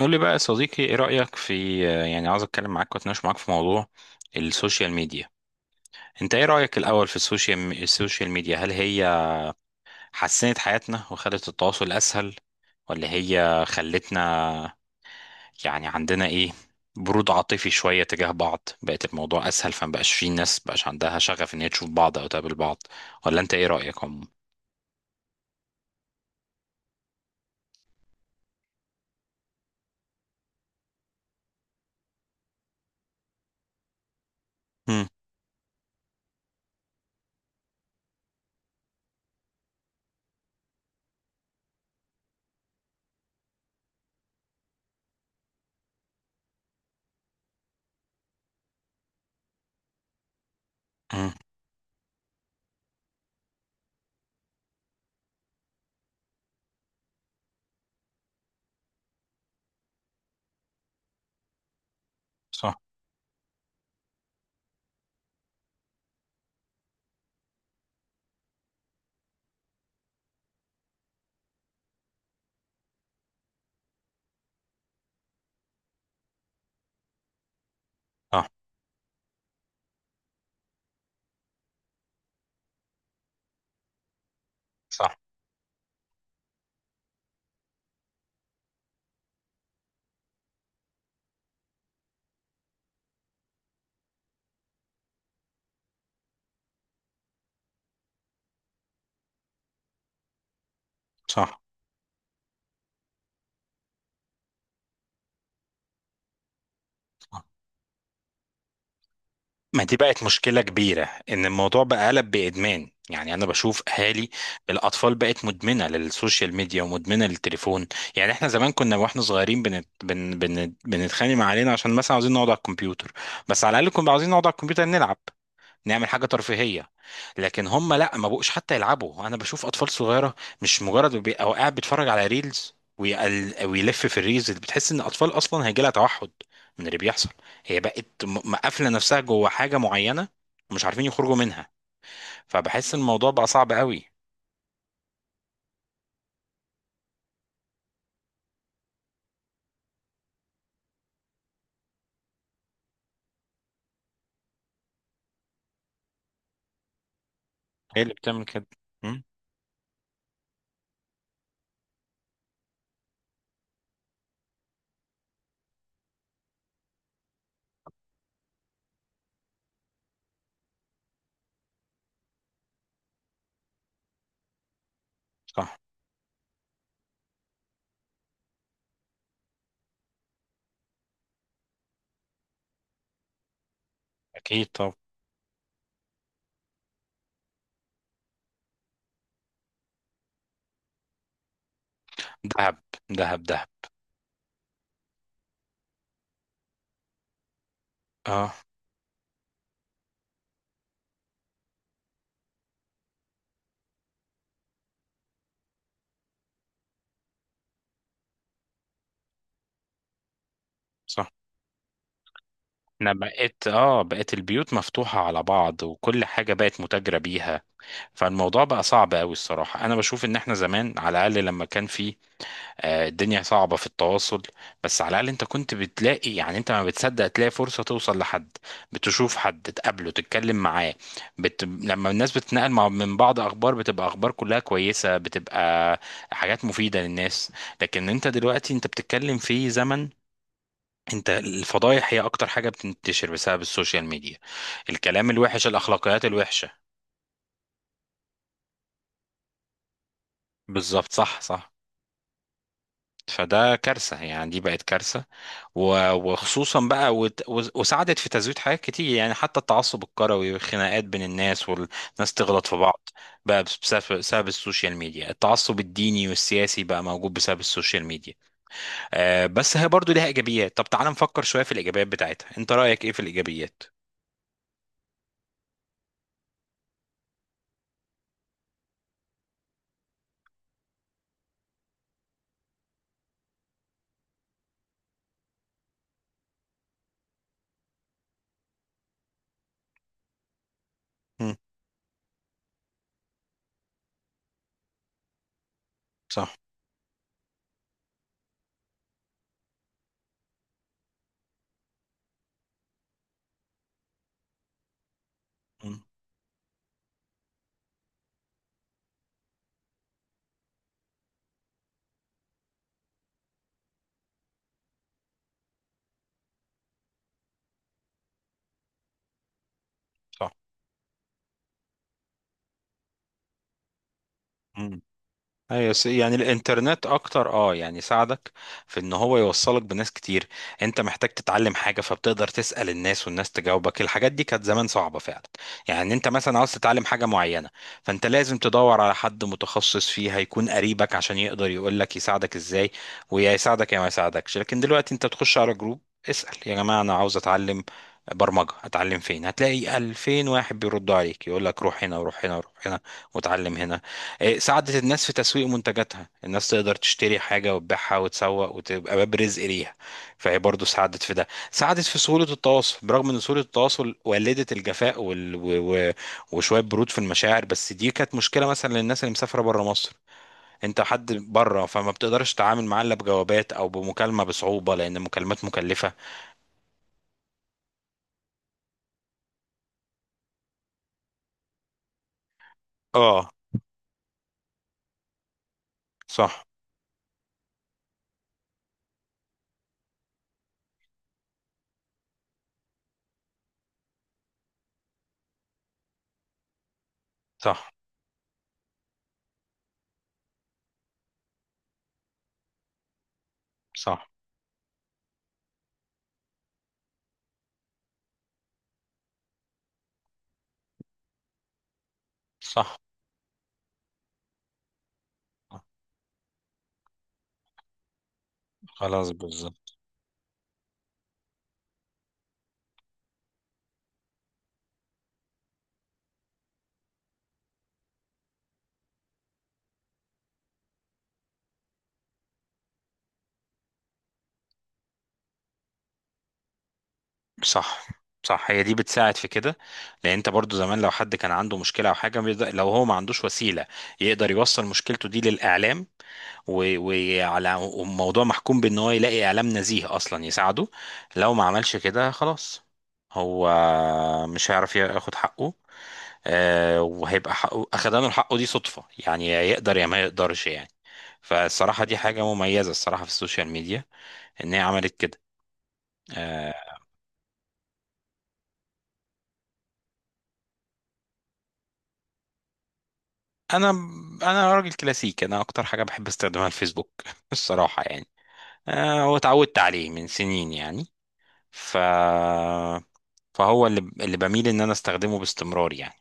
قول لي بقى يا صديقي، ايه رأيك في، يعني عاوز اتكلم معاك واتناقش معاك في موضوع السوشيال ميديا. انت ايه رأيك الاول في السوشيال ميديا؟ هل هي حسنت حياتنا وخلت التواصل اسهل، ولا هي خلتنا يعني عندنا ايه، برود عاطفي شوية تجاه بعض، بقت الموضوع اسهل، فما بقاش في ناس بقاش عندها شغف ان هي تشوف بعض او تقابل بعض؟ ولا انت ايه رأيك عموما؟ مم، مم. صح. صح. صح. صح. ما دي بقت مشكلة كبيرة، إن الموضوع بقى قلب بإدمان، يعني أنا بشوف أهالي الأطفال بقت مدمنة للسوشيال ميديا ومدمنة للتليفون. يعني إحنا زمان كنا وإحنا صغيرين بنتخانق مع علينا عشان مثلا عاوزين نقعد على الكمبيوتر. بس على الأقل كنا عاوزين نقعد على الكمبيوتر نلعب، نعمل حاجة ترفيهية. لكن هم لا، ما بقوش حتى يلعبوا. انا بشوف اطفال صغيرة مش مجرد او قاعد بيتفرج على ريلز ويلف في الريلز اللي بتحس ان الاطفال اصلا هيجي لها توحد من اللي بيحصل. هي بقت مقفلة نفسها جوه حاجة معينة ومش عارفين يخرجوا منها. فبحس ان الموضوع بقى صعب قوي. هي اللي بتعمل كده؟ مم؟ صح. اكيد. طب. دهب. دهب. دهب. اه. صح. انا بقيت البيوت مفتوحة على بعض وكل حاجة بقت متاجرة بيها. فالموضوع بقى صعب قوي الصراحة. أنا بشوف إن إحنا زمان على الأقل لما كان في، الدنيا صعبة في التواصل، بس على الأقل أنت كنت بتلاقي، يعني أنت ما بتصدق تلاقي فرصة توصل لحد، بتشوف حد تقابله تتكلم معاه. لما الناس بتتنقل من بعض أخبار، بتبقى أخبار كلها كويسة، بتبقى حاجات مفيدة للناس. لكن أنت دلوقتي، أنت بتتكلم في زمن انت الفضايح هي اكتر حاجه بتنتشر بسبب السوشيال ميديا، الكلام الوحش، الاخلاقيات الوحشه. بالظبط. صح. صح. فده كارثة يعني، دي بقت كارثة. وخصوصا بقى وساعدت في تزويد حاجات كتير، يعني حتى التعصب الكروي والخناقات بين الناس، والناس تغلط في بعض بقى بسبب السوشيال ميديا. التعصب الديني والسياسي بقى موجود بسبب السوشيال ميديا. بس هي برضو ليها إيجابيات. طب تعال نفكر شوية في الإيجابيات بتاعتها، انت رأيك ايه في الإيجابيات؟ مم. صح. مم. صح. مم. ايوه، يعني الانترنت اكتر، يعني ساعدك في ان هو يوصلك بناس كتير. انت محتاج تتعلم حاجه فبتقدر تسال الناس، والناس تجاوبك. الحاجات دي كانت زمان صعبه فعلا. يعني انت مثلا عاوز تتعلم حاجه معينه فانت لازم تدور على حد متخصص فيها يكون قريبك عشان يقدر يقول لك يساعدك ازاي، ويا يساعدك يا ما يساعدكش. لكن دلوقتي انت بتخش على جروب، اسال يا جماعه انا عاوز اتعلم برمجه اتعلم فين، هتلاقي 2000 واحد بيردوا عليك يقول لك روح هنا وروح هنا وروح هنا واتعلم هنا. إيه، ساعدت الناس في تسويق منتجاتها، الناس تقدر تشتري حاجة وتبيعها وتسوق وتبقى باب رزق ليها. فهي برضو ساعدت في ده، ساعدت في سهولة التواصل، برغم ان سهولة التواصل ولدت الجفاء وشوية برود في المشاعر. بس دي كانت مشكلة مثلا للناس اللي مسافرة بره مصر، انت حد بره فما بتقدرش تتعامل معاه الا بجوابات او بمكالمة بصعوبة لان المكالمات مكلفة. اه. صح. صح. صح. صح. خلاص، بالظبط. صح. صح. هي دي بتساعد في كده، لان انت برضو زمان لو حد كان عنده مشكله او حاجه لو هو ما عندوش وسيله يقدر يوصل مشكلته دي للاعلام، وعلى وموضوع محكوم بان هو يلاقي اعلام نزيه اصلا يساعده. لو ما عملش كده خلاص هو مش هيعرف ياخد حقه، وهيبقى حقه اخدانه حقه دي صدفه يعني، يا يقدر يا ما يقدرش يعني. فالصراحه دي حاجه مميزه الصراحه في السوشيال ميديا ان هي عملت كده. آه، انا انا راجل كلاسيكي، انا اكتر حاجه بحب استخدمها الفيسبوك الصراحه يعني. هو اتعودت عليه من سنين يعني. ف فهو اللي بميل ان انا استخدمه باستمرار يعني.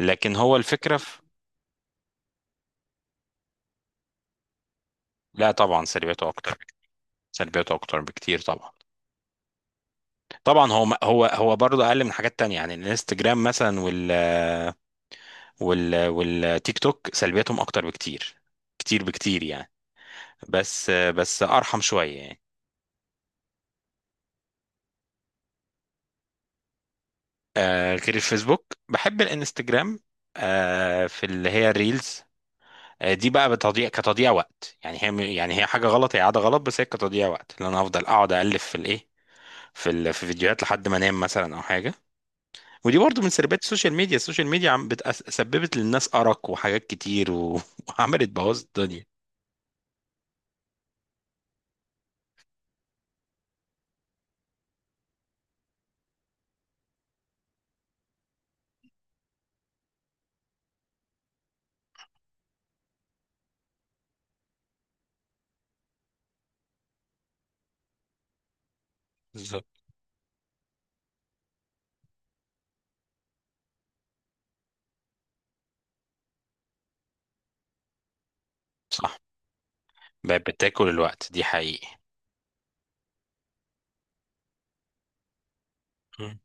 لكن هو الفكره لا طبعا سلبياته اكتر. سلبياته اكتر بكتير طبعا هو برضه اقل من حاجات تانية، يعني الانستجرام مثلا والتيك توك سلبياتهم اكتر بكتير، كتير بكتير يعني. بس بس ارحم شويه يعني. غير الفيسبوك بحب الانستجرام. في اللي هي الريلز. دي بقى بتضيع كتضييع وقت يعني، هي يعني هي حاجه غلط، هي عاده غلط، بس هي كتضييع وقت لان انا هفضل اقعد الف في الايه في فيديوهات لحد ما انام مثلا او حاجه. ودي برضو من سلبيات السوشيال ميديا سببت للناس ارق وحاجات كتير وعملت بوظ الدنيا. بالظبط. صح. بقت بتاكل الوقت دي حقيقي. مم.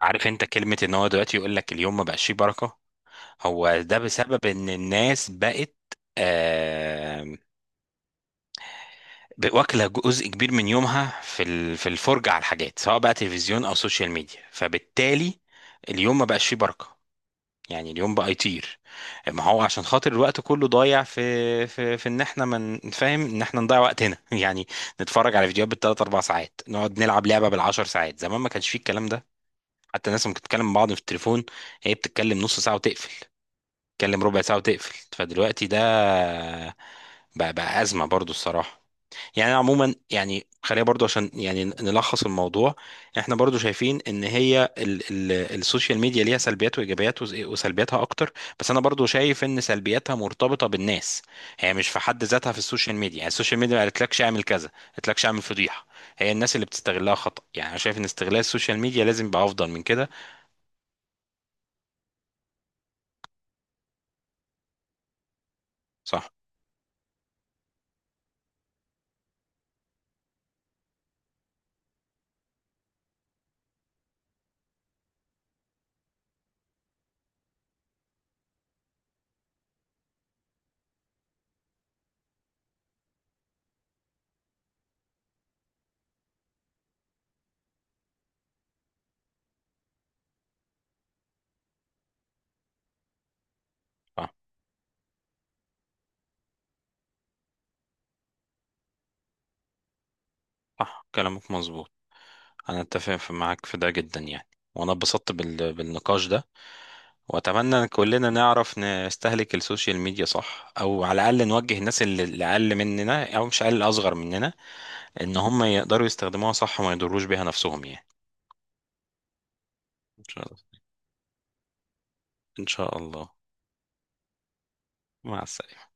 عارف انت كلمه ان هو دلوقتي يقول لك اليوم ما بقاش فيه بركه، هو ده بسبب ان الناس بقت آه، واكله جزء كبير من يومها في الفرجه على الحاجات سواء بقى تلفزيون او سوشيال ميديا، فبالتالي اليوم ما بقاش فيه بركه. يعني اليوم بقى يطير، ما هو عشان خاطر الوقت كله ضايع في في ان احنا من فاهم ان احنا نضيع وقتنا يعني، نتفرج على فيديوهات بالثلاث اربع ساعات، نقعد نلعب لعبه بالعشر ساعات. زمان ما كانش فيه الكلام ده. حتى الناس ممكن تتكلم مع بعض في التليفون، هي بتتكلم نص ساعه وتقفل، تتكلم ربع ساعة وتقفل. فدلوقتي ده بقى أزمة برضو الصراحة. يعني أنا عموما يعني خلينا برضو عشان يعني نلخص الموضوع، احنا برضو شايفين ان هي ال ال السوشيال ميديا ليها سلبيات وايجابيات وسلبياتها اكتر. بس انا برضو شايف ان سلبياتها مرتبطة بالناس، هي مش في حد ذاتها في السوشيال ميديا، يعني السوشيال ميديا ما قالتلكش اعمل كذا، ما قالتلكش اعمل فضيحة، هي الناس اللي بتستغلها خطأ يعني. انا شايف ان استغلال السوشيال ميديا لازم يبقى افضل من كده. صح. صح. صح، كلامك مظبوط. انا اتفق معاك في ده جدا يعني. وانا اتبسطت بالنقاش ده. واتمنى ان كلنا نعرف نستهلك السوشيال ميديا صح، او على الاقل نوجه الناس اللي اقل مننا او مش اقل، اصغر مننا، ان هم يقدروا يستخدموها صح وما يضروش بيها نفسهم يعني. ان شاء الله. ان شاء الله. مع السلامة.